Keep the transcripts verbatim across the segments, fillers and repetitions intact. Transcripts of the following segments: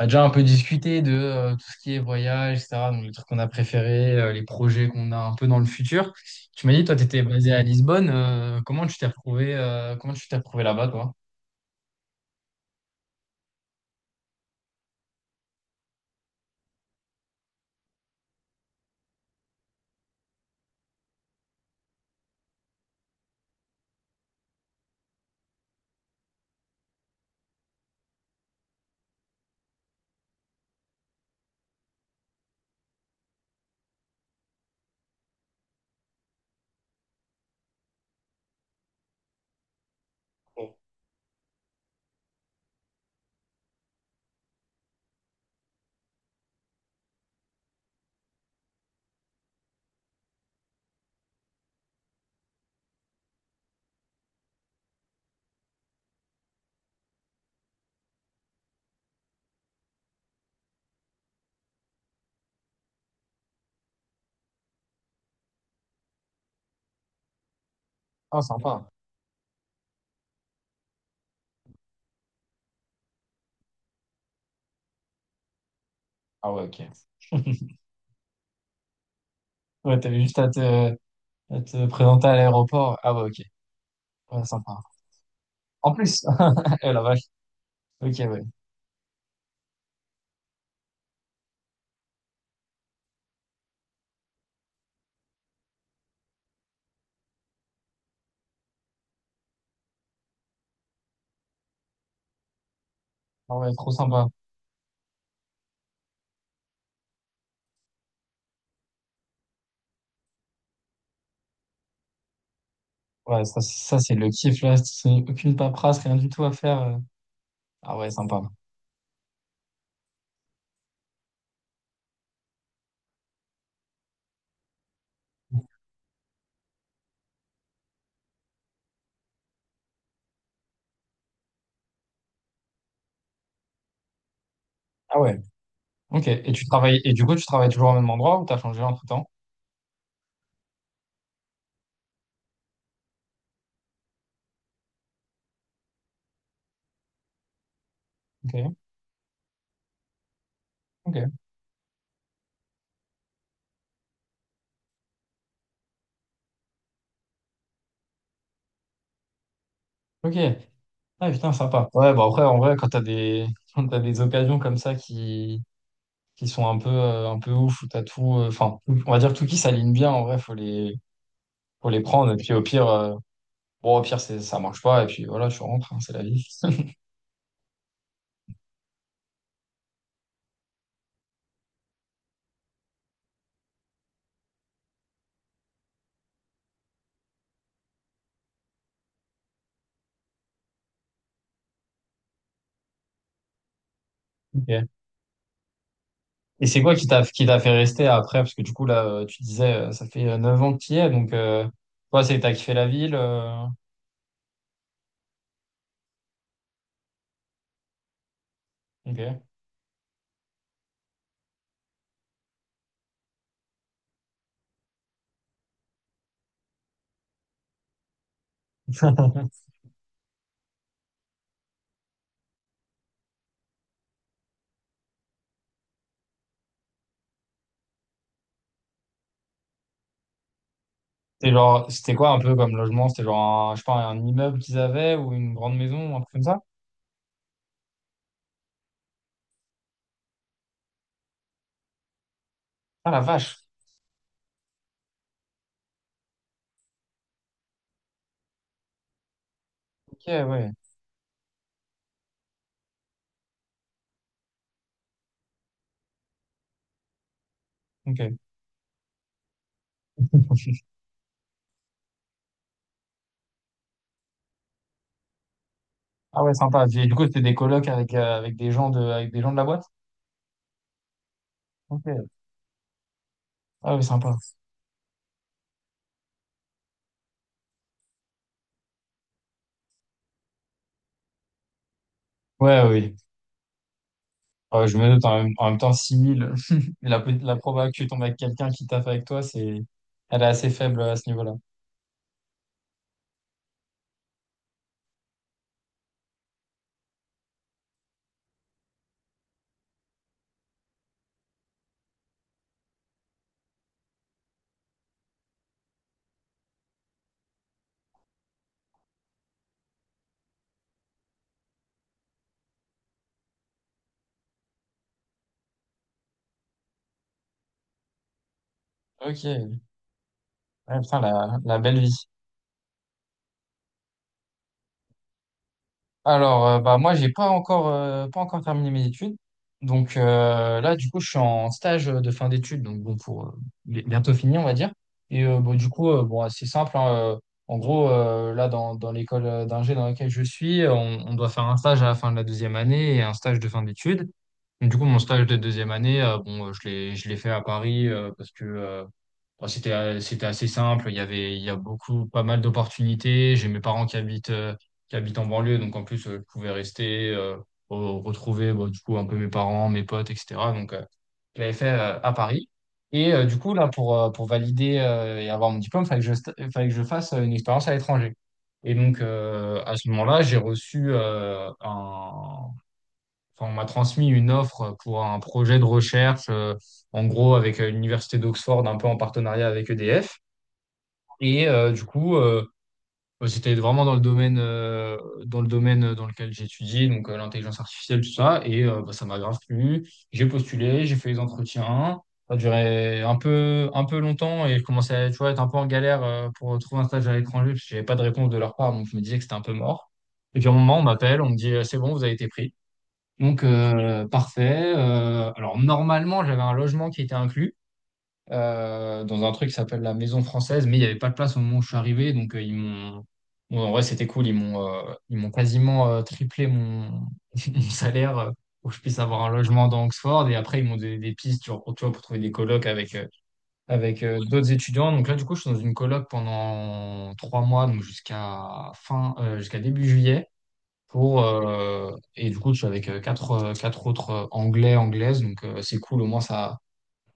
On a déjà un peu discuté de euh, tout ce qui est voyage, et cetera. Donc, les trucs qu'on a préférés, euh, les projets qu'on a un peu dans le futur. Tu m'as dit, toi, tu étais basé à Lisbonne. euh, comment tu t'es retrouvé, euh, comment tu t'es retrouvé là-bas, toi? Ah, sympa. Ah ouais, ok. Ouais, t'avais juste à te, à te présenter à l'aéroport. Ah ouais, ok. Ouais, sympa. En plus, eh, la vache. Ok, ouais. Ah ouais, trop sympa. Ouais, ça, c'est- ça c'est le kiff, là. C'est aucune paperasse, rien du tout à faire. euh. Ah ouais, sympa. Ah ouais. Ok. Et tu travailles, et du coup, tu travailles toujours au même endroit ou t'as changé entre-temps? Ok, ok, ok. Ah putain, sympa. Ouais, bah après, en vrai, quand t'as des, quand t'as des occasions comme ça qui, qui sont un peu, euh, un peu ouf, où t'as tout, euh, enfin, on va dire tout qui s'aligne bien, en vrai, faut les, faut les prendre. Et puis au pire, euh, bon, au pire, c'est, ça marche pas. Et puis voilà, tu rentres, hein, c'est la vie. Ok. Et c'est quoi qui t'a, qui t'a fait rester après? Parce que du coup, là, euh, tu disais, euh, ça fait euh, neuf ans que tu y es, donc, euh, toi, c'est que t'as kiffé la ville. euh, Ok. C'était genre, c'était quoi un peu comme logement? C'était genre un, je sais pas, un immeuble qu'ils avaient ou une grande maison, un truc comme ça? Ah la vache. Ok, ouais. Ok. Ah ouais, sympa. Et du coup, c'était des colocs avec, euh, avec des gens de, avec des gens de la boîte? Ok. Ah oui, sympa. Ouais, oui. Ah ouais, je me doute en même, en même temps six mille. La, pe- la probabilité que tu tombes avec quelqu'un qui taffe avec toi, c'est, elle est assez faible à ce niveau-là. Ok. Ouais, putain, la, la belle vie. Alors, euh, bah, moi, j'ai pas encore, euh, pas encore terminé mes études. Donc, euh, là, du coup, je suis en stage de fin d'études. Donc, bon, pour euh, bi- bientôt fini, on va dire. Et euh, bon, du coup, euh, bon, c'est simple. Hein, euh, en gros, euh, là, dans, dans l'école euh, d'ingé dans laquelle je suis, euh, on, on doit faire un stage à la fin de la deuxième année et un stage de fin d'études. Du coup, mon stage de deuxième année, euh, bon, euh, je l'ai, je l'ai fait à Paris euh, parce que euh, bon, c'était, euh, c'était assez simple. Il y avait, il y a beaucoup, pas mal d'opportunités. J'ai mes parents qui habitent, euh, qui habitent en banlieue, donc en plus, euh, je pouvais rester, euh, re- retrouver bah, du coup un peu mes parents, mes potes, et cetera. Donc, euh, je l'avais fait euh, à Paris. Et euh, du coup, là, pour, euh, pour valider euh, et avoir mon diplôme, il fallait que je, sta- fallait que je fasse euh, une expérience à l'étranger. Et donc, euh, à ce moment-là, j'ai reçu euh, un enfin, on m'a transmis une offre pour un projet de recherche, euh, en gros avec euh, l'université d'Oxford, un peu en partenariat avec E D F. Et euh, du coup, euh, bah, c'était vraiment dans le domaine, euh, dans le domaine dans lequel j'étudiais, donc euh, l'intelligence artificielle, tout ça. Et euh, bah, ça m'a grave plu. J'ai postulé, j'ai fait les entretiens. Ça a duré un peu, un peu longtemps et je commençais à, tu vois, être un peu en galère euh, pour trouver un stage à l'étranger parce que j'avais pas de réponse de leur part, donc je me disais que c'était un peu mort. Et puis à un moment, on m'appelle, on me dit, euh, c'est bon, vous avez été pris. Donc, euh, parfait. Euh, alors, normalement, j'avais un logement qui était inclus euh, dans un truc qui s'appelle la Maison Française, mais il n'y avait pas de place au moment où je suis arrivé. Donc, euh, ils m'ont. Bon, en vrai, c'était cool. Ils m'ont euh, ils m'ont quasiment euh, triplé mon, mon salaire euh, pour que je puisse avoir un logement dans Oxford. Et après, ils m'ont donné des pistes tu vois, pour, tu vois, pour trouver des colocs avec, euh, avec euh, d'autres étudiants. Donc, là, du coup, je suis dans une coloc pendant trois mois, donc jusqu'à fin, euh, jusqu'à début juillet pour euh, et du coup je suis avec euh, quatre euh, quatre autres euh, anglais anglaises, donc euh, c'est cool, au moins ça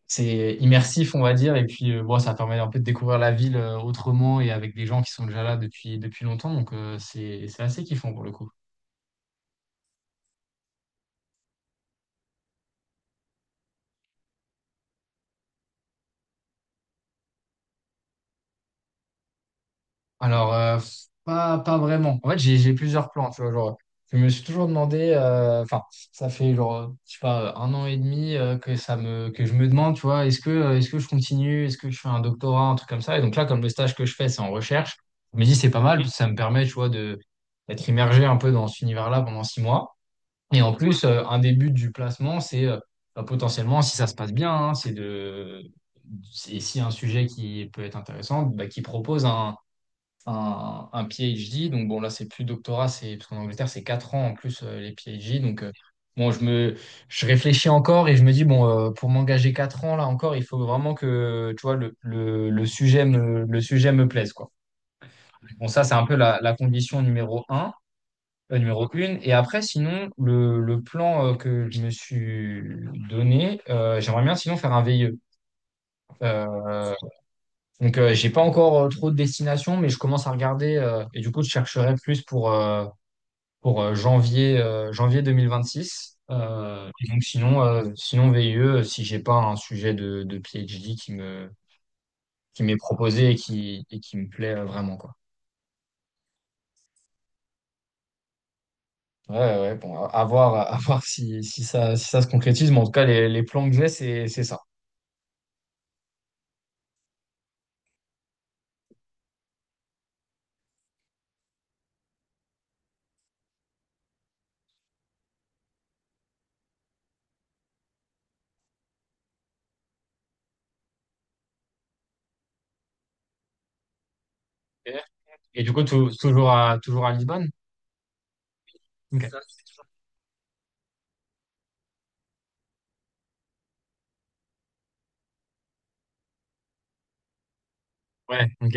c'est immersif, on va dire. Et puis euh, bon, ça permet un peu de découvrir la ville euh, autrement, et avec des gens qui sont déjà là depuis depuis longtemps, donc euh, c'est c'est assez kiffant pour le coup. Alors, euh, pas, pas vraiment. En fait, j'ai j'ai plusieurs plans, tu vois. Genre, je me suis toujours demandé, euh, enfin, ça fait genre, je sais pas, un an et demi euh, que ça me, que je me demande, tu vois, est-ce que, euh, est-ce que je continue, est-ce que je fais un doctorat, un truc comme ça. Et donc là, comme le stage que je fais, c'est en recherche, je me dis, c'est pas mal, parce que ça me permet, tu vois, de, d'être immergé un peu dans cet univers-là pendant six mois. Et en plus, euh, un des buts du placement, c'est euh, bah, potentiellement, si ça se passe bien, hein, c'est de, et si un sujet qui peut être intéressant, bah, qui propose un un, un PhD. Donc bon, là, c'est plus doctorat, c'est parce qu'en Angleterre, c'est quatre ans en plus euh, les PhD. Donc euh, bon, je me je réfléchis encore et je me dis, bon, euh, pour m'engager quatre ans là encore, il faut vraiment que tu vois le, le, le sujet me, le sujet me plaise, quoi. Bon, ça, c'est un peu la, la condition numéro un euh, numéro une. Et après, sinon, le, le plan euh, que je me suis donné, euh, j'aimerais bien sinon faire un V I E. Euh, donc, euh, j'ai pas encore euh, trop de destinations, mais je commence à regarder euh, et du coup, je chercherai plus pour, euh, pour euh, janvier, euh, janvier deux mille vingt-six. Euh, et donc sinon, euh, sinon V I E, si j'ai pas un sujet de, de PhD qui me, qui m'est proposé et qui, et qui me plaît euh, vraiment, quoi. Ouais, ouais, bon, à, à voir, à voir si, si ça, si ça se concrétise, mais en tout cas, les, les plans que j'ai, c'est, c'est ça. Ok. Et du coup, tou- toujours à, toujours à Lisbonne? Ok. Ouais, ok.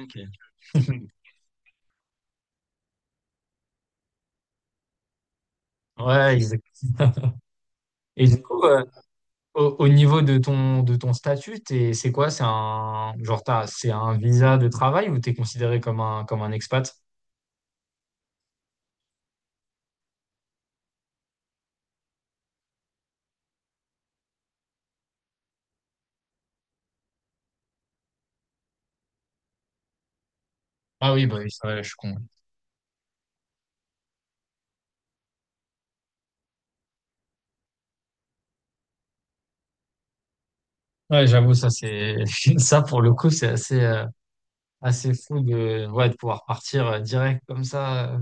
Ok. Ouais, exact. Et du coup, euh, Au, au niveau de ton, de ton statut, t'es- c'est quoi? C'est un, genre t'as- c'est un visa de travail ou t'es considéré comme un, comme un expat? Ah oui, bah oui, c'est vrai, je suis con. Ouais, j'avoue, ça, c'est, ça, pour le coup, c'est assez, euh, assez fou de, ouais, de pouvoir partir euh, direct comme ça. euh.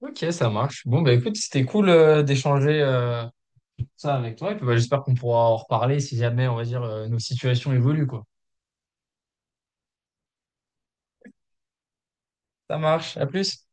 Ok, ça marche. Bon, bah écoute, c'était cool, euh, d'échanger, euh, ça avec toi. Et puis, bah, j'espère qu'on pourra en reparler si jamais, on va dire, euh, nos situations évoluent, quoi. Ça marche. À plus.